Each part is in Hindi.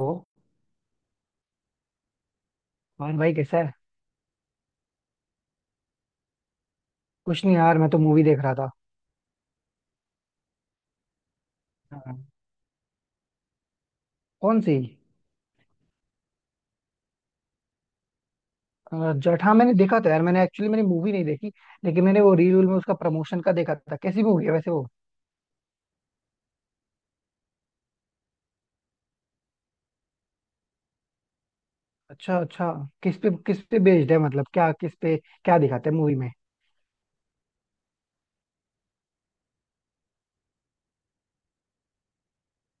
ओ। और भाई, कैसा है? कुछ नहीं यार, मैं तो मूवी देख रहा था। हाँ। कौन सी? जट, हाँ मैंने देखा था यार। मैंने मूवी नहीं देखी, लेकिन मैंने वो रील में उसका प्रमोशन का देखा था। कैसी मूवी है वैसे वो? अच्छा अच्छा। किस पे बेस्ड है? मतलब क्या, किस पे क्या दिखाते हैं मूवी में?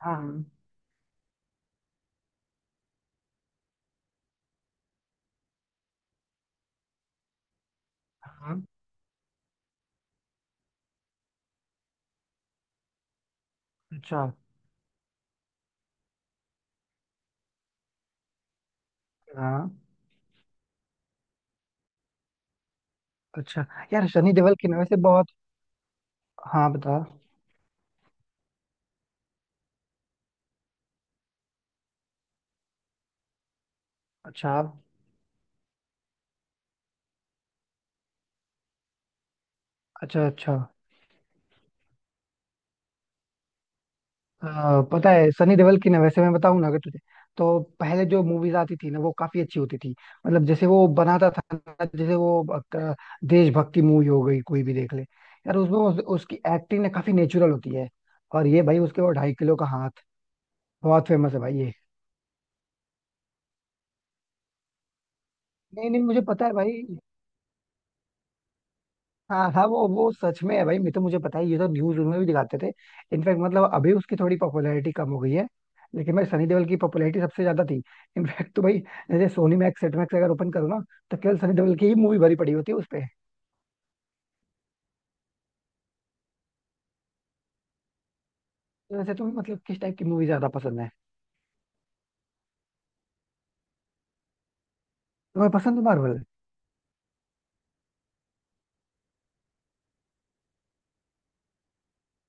हाँ हाँ। अच्छा। हाँ। अच्छा। यार सनी देओल की ना वैसे बहुत। हाँ बता। अच्छा अच्छा अच्छा। पता है, सनी देओल की ना वैसे मैं बताऊं ना अगर तुझे, तो पहले जो मूवीज आती थी ना वो काफी अच्छी होती थी। मतलब जैसे वो बनाता था ना, जैसे वो देशभक्ति मूवी हो गई, कोई भी देख ले यार, उसमें उसकी एक्टिंग ना काफी नेचुरल होती है। और ये भाई उसके वो ढाई किलो का हाथ बहुत फेमस है भाई ये। नहीं नहीं, मुझे पता है भाई। हाँ हाँ, वो सच में है भाई। मैं तो मुझे पता है, ये तो न्यूज में भी दिखाते थे। इनफैक्ट मतलब अभी उसकी थोड़ी पॉपुलैरिटी कम हो गई है, लेकिन भाई सनी देओल की पॉपुलैरिटी सबसे ज्यादा थी। इनफैक्ट तो भाई, जैसे सोनी मैक्स, सेट मैक्स अगर ओपन करो ना, तो केवल सनी देओल की ही मूवी भरी पड़ी होती है उस पे। तो वैसे तुम्हें मतलब किस टाइप की मूवी ज्यादा पसंद है? तुम्हें पसंद है मार्वल?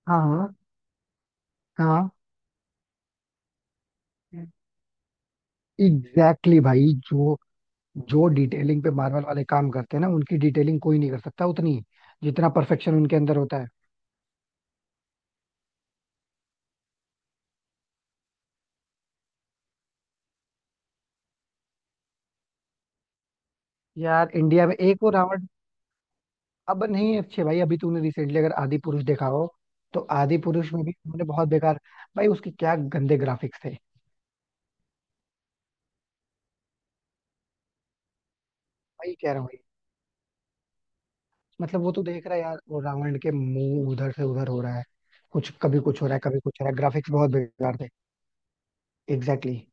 हाँ हाँ। हाँ। एग्जैक्टली exactly भाई। जो जो डिटेलिंग पे मार्वल वाले काम करते हैं ना, उनकी डिटेलिंग कोई नहीं कर सकता उतनी, जितना परफेक्शन उनके अंदर होता है। यार इंडिया में एक वो रावण, अब नहीं अच्छे भाई, अभी तूने रिसेंटली अगर आदि पुरुष देखा हो, तो आदि पुरुष में भी उन्होंने बहुत बेकार, भाई उसके क्या गंदे ग्राफिक्स थे। भाई कह रहा हूँ भाई। मतलब वो तो देख रहा है यार, वो रावण के मुंह उधर से उधर हो रहा है। कुछ कभी कुछ हो रहा है, कभी कुछ हो रहा है, ग्राफिक्स बहुत बेकार थे। Exactly exactly।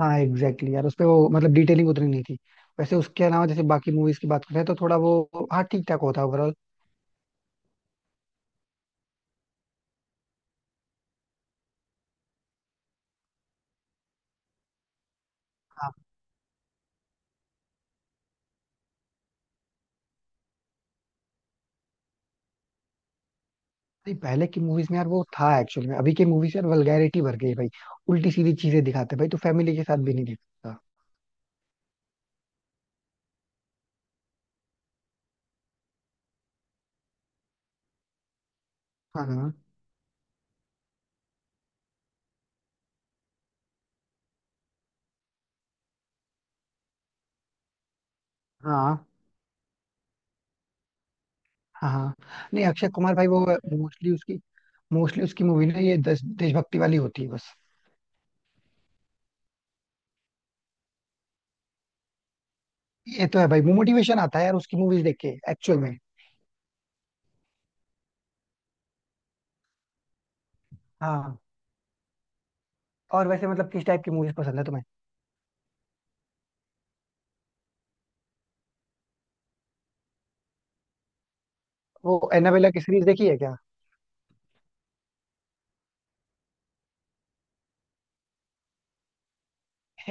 हाँ एग्जैक्टली exactly यार, उसपे वो मतलब डिटेलिंग उतनी नहीं थी। वैसे उसके अलावा जैसे बाकी मूवीज की बात करें, तो थोड़ा वो, हाँ, ठीक ठाक होता है ओवरऑल। हाँ। नहीं पहले की मूवीज में यार वो था एक्चुअली में, अभी की मूवीज यार वल्गैरिटी भर गई है भाई। उल्टी सीधी चीजें दिखाते हैं भाई, तो फैमिली के साथ भी नहीं देखता। हाँ हाँ हाँ हाँ हाँ। नहीं अक्षय कुमार भाई वो, मोस्टली उसकी मोस्टली उसकी मूवी ना ये देशभक्ति वाली होती है बस। ये तो है भाई, मोटिवेशन आता है यार उसकी मूवीज देख के एक्चुअल में। हाँ। और वैसे मतलब किस टाइप की मूवीज पसंद है तुम्हें? वो एनाबेला की सीरीज देखी है क्या?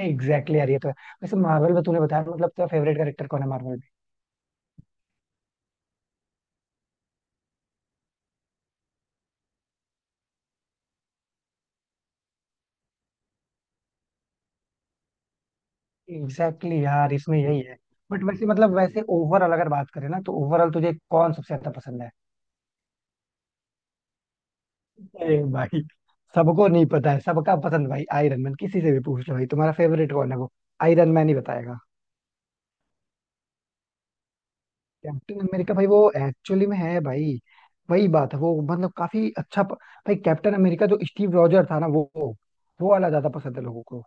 एग्जैक्टली यार ये तो है। वैसे मार्वल में तूने बताया, मतलब तेरा फेवरेट कैरेक्टर कौन है मार्वल में? एग्जैक्टली यार इसमें यही है। बट वैसे मतलब, वैसे ओवरऑल अगर बात करें ना, तो ओवरऑल तुझे कौन सबसे ज्यादा पसंद है? अरे भाई, सबको नहीं पता है, सबका पसंद भाई आयरन मैन। किसी से भी पूछ लो भाई, तुम्हारा फेवरेट कौन है, वो आयरन मैन ही बताएगा। कैप्टन अमेरिका भाई वो एक्चुअली में है भाई। वही बात है, वो मतलब काफी अच्छा भाई कैप्टन अमेरिका जो स्टीव रॉजर था ना, वो वाला ज्यादा पसंद है लोगों को।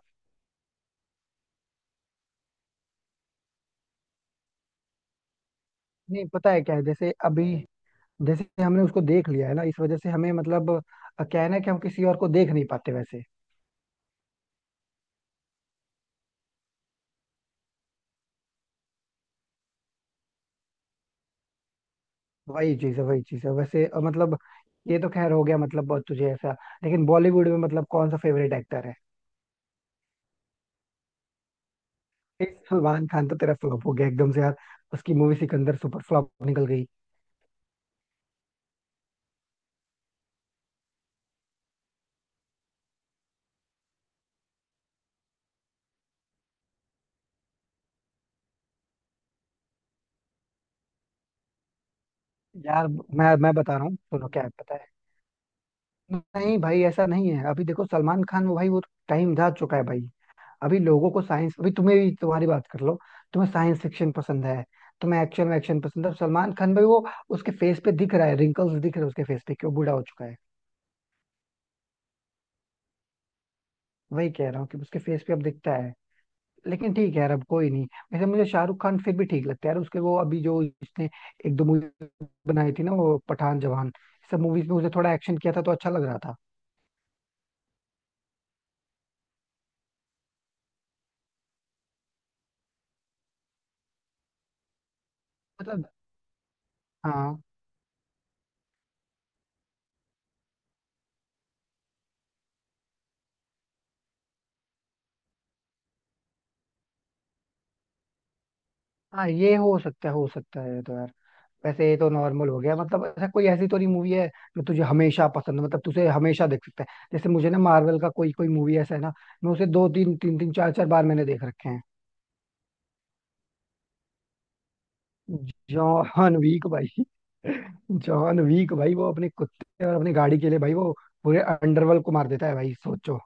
नहीं पता है क्या है, जैसे अभी जैसे हमने उसको देख लिया है ना, इस वजह से हमें मतलब क्या है ना कि हम किसी और को देख नहीं पाते वैसे। वही चीज है वैसे, मतलब ये तो खैर हो गया मतलब बहुत तुझे ऐसा। लेकिन बॉलीवुड में मतलब कौन सा फेवरेट एक्टर है? सलमान खान तो तेरा फ्लॉप हो गया एकदम से यार, उसकी मूवी सिकंदर सुपर फ्लॉप निकल गई। यार मैं बता रहा हूँ, सुनो क्या है पता है। नहीं भाई ऐसा नहीं है, अभी देखो सलमान खान वो भाई वो, टाइम जा चुका है भाई। अभी लोगों को साइंस, अभी तुम्हें भी तुम्हारी बात कर लो। तुम्हें साइंस फिक्शन पसंद है? तुम्हें एक्शन वैक्शन पसंद है? सलमान खान भाई वो, उसके फेस पे दिख रहा है, रिंकल्स दिख रहे हैं उसके फेस पे कि वो बूढ़ा हो चुका है। वही कह रहा हूँ कि उसके फेस पे अब दिखता है। लेकिन ठीक है यार, अब कोई नहीं। वैसे मुझे शाहरुख खान फिर भी ठीक लगता है यार, उसके वो अभी जो उसने एक दो मूवी बनाई थी ना, वो पठान जवान, सब मूवीज में उसने थोड़ा एक्शन किया था, तो अच्छा लग रहा था। मतलब हाँ हाँ, ये हो सकता है, हो सकता है तो यार। वैसे ये तो नॉर्मल हो गया, मतलब ऐसा कोई, ऐसी तो नहीं मूवी है जो तुझे हमेशा पसंद हो, मतलब तुझे हमेशा देख सकता है। जैसे मुझे ना, मार्वल का कोई कोई मूवी ऐसा है ना, मैं उसे दो तीन तीन तीन चार चार बार मैंने देख रखे हैं। जॉन वीक भाई, जॉन वीक भाई वो अपने कुत्ते और अपनी गाड़ी के लिए भाई वो पूरे अंडरवर्ल्ड को मार देता है भाई, सोचो।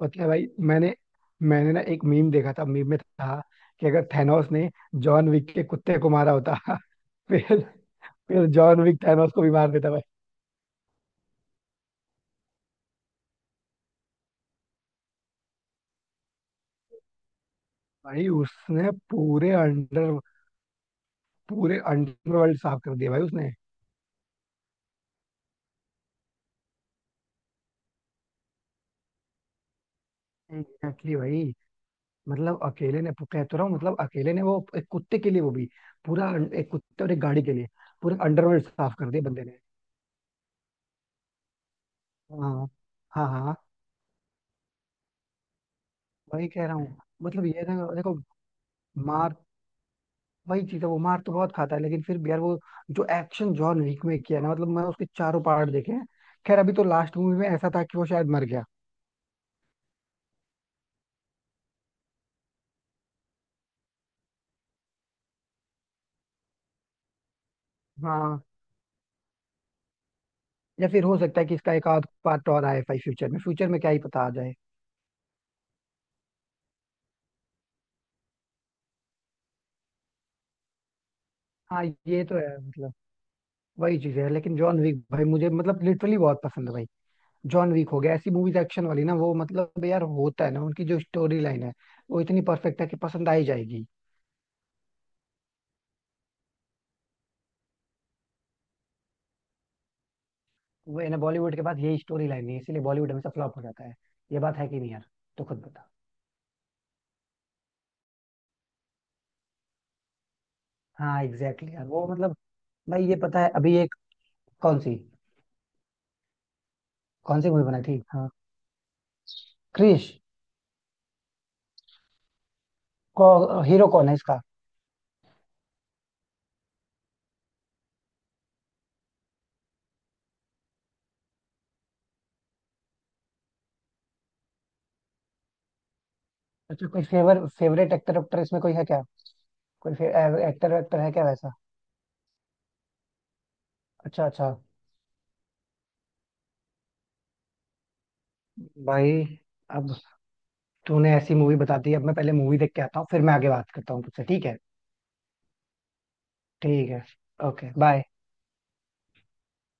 पता है भाई, मैंने मैंने ना एक मीम देखा था, मीम में था कि अगर थैनोस ने जॉन विक के कुत्ते को मारा होता फिर फिर जॉन विक थैनोस को भी मार देता भाई। भाई उसने पूरे अंडरवर्ल्ड साफ कर दिया भाई उसने। एग्जैक्टली भाई, मतलब अकेले ने कह तो रहा हूँ, मतलब अकेले ने वो एक कुत्ते के लिए, वो भी एक कुत्ते और एक गाड़ी के लिए पूरा अंडरवर्ल्ड साफ कर दिया बंदे ने। हाँ हाँ हाँ। वही कह रहा हूँ, मतलब ये ना देखो, मार वही चीज है, वो मार तो बहुत खाता है लेकिन फिर भी यार वो, जो एक्शन जॉन विक में किया ना, मतलब मैं उसके चारों पार्ट देखे हैं। खैर अभी तो लास्ट मूवी में ऐसा था कि वो शायद मर गया। हाँ, या फिर हो सकता है कि इसका एक आध पार्ट और आए भाई फ्यूचर में क्या ही पता आ जाए। हाँ ये तो है मतलब, वही चीज है लेकिन जॉन विक भाई मुझे मतलब लिटरली बहुत पसंद है भाई। जॉन वीक हो गया, ऐसी मूवीज एक्शन वाली ना, वो मतलब यार होता है ना उनकी, जो स्टोरी लाइन है वो इतनी परफेक्ट है कि पसंद आ ही जाएगी। वो है ना, बॉलीवुड के पास यही स्टोरी लाइन है इसीलिए बॉलीवुड हमेशा फ्लॉप हो जाता है, ये बात है कि नहीं यार? तो खुद बता। हाँ एग्जैक्टली exactly यार, वो मतलब भाई ये पता है, अभी एक, कौन सी? कौन सी मूवी बनाई थी? हाँ, क्रिश को? हीरो कौन है इसका? अच्छा, कोई फेवरेट एक्टर एक्टर इसमें कोई है क्या? कोई एक्टर एक्टर है क्या वैसा? अच्छा अच्छा। भाई अब तूने ऐसी मूवी बता दी, अब मैं पहले मूवी देख के आता हूँ, फिर मैं आगे बात करता हूँ तुझसे, ठीक है? ठीक है, ओके बाय।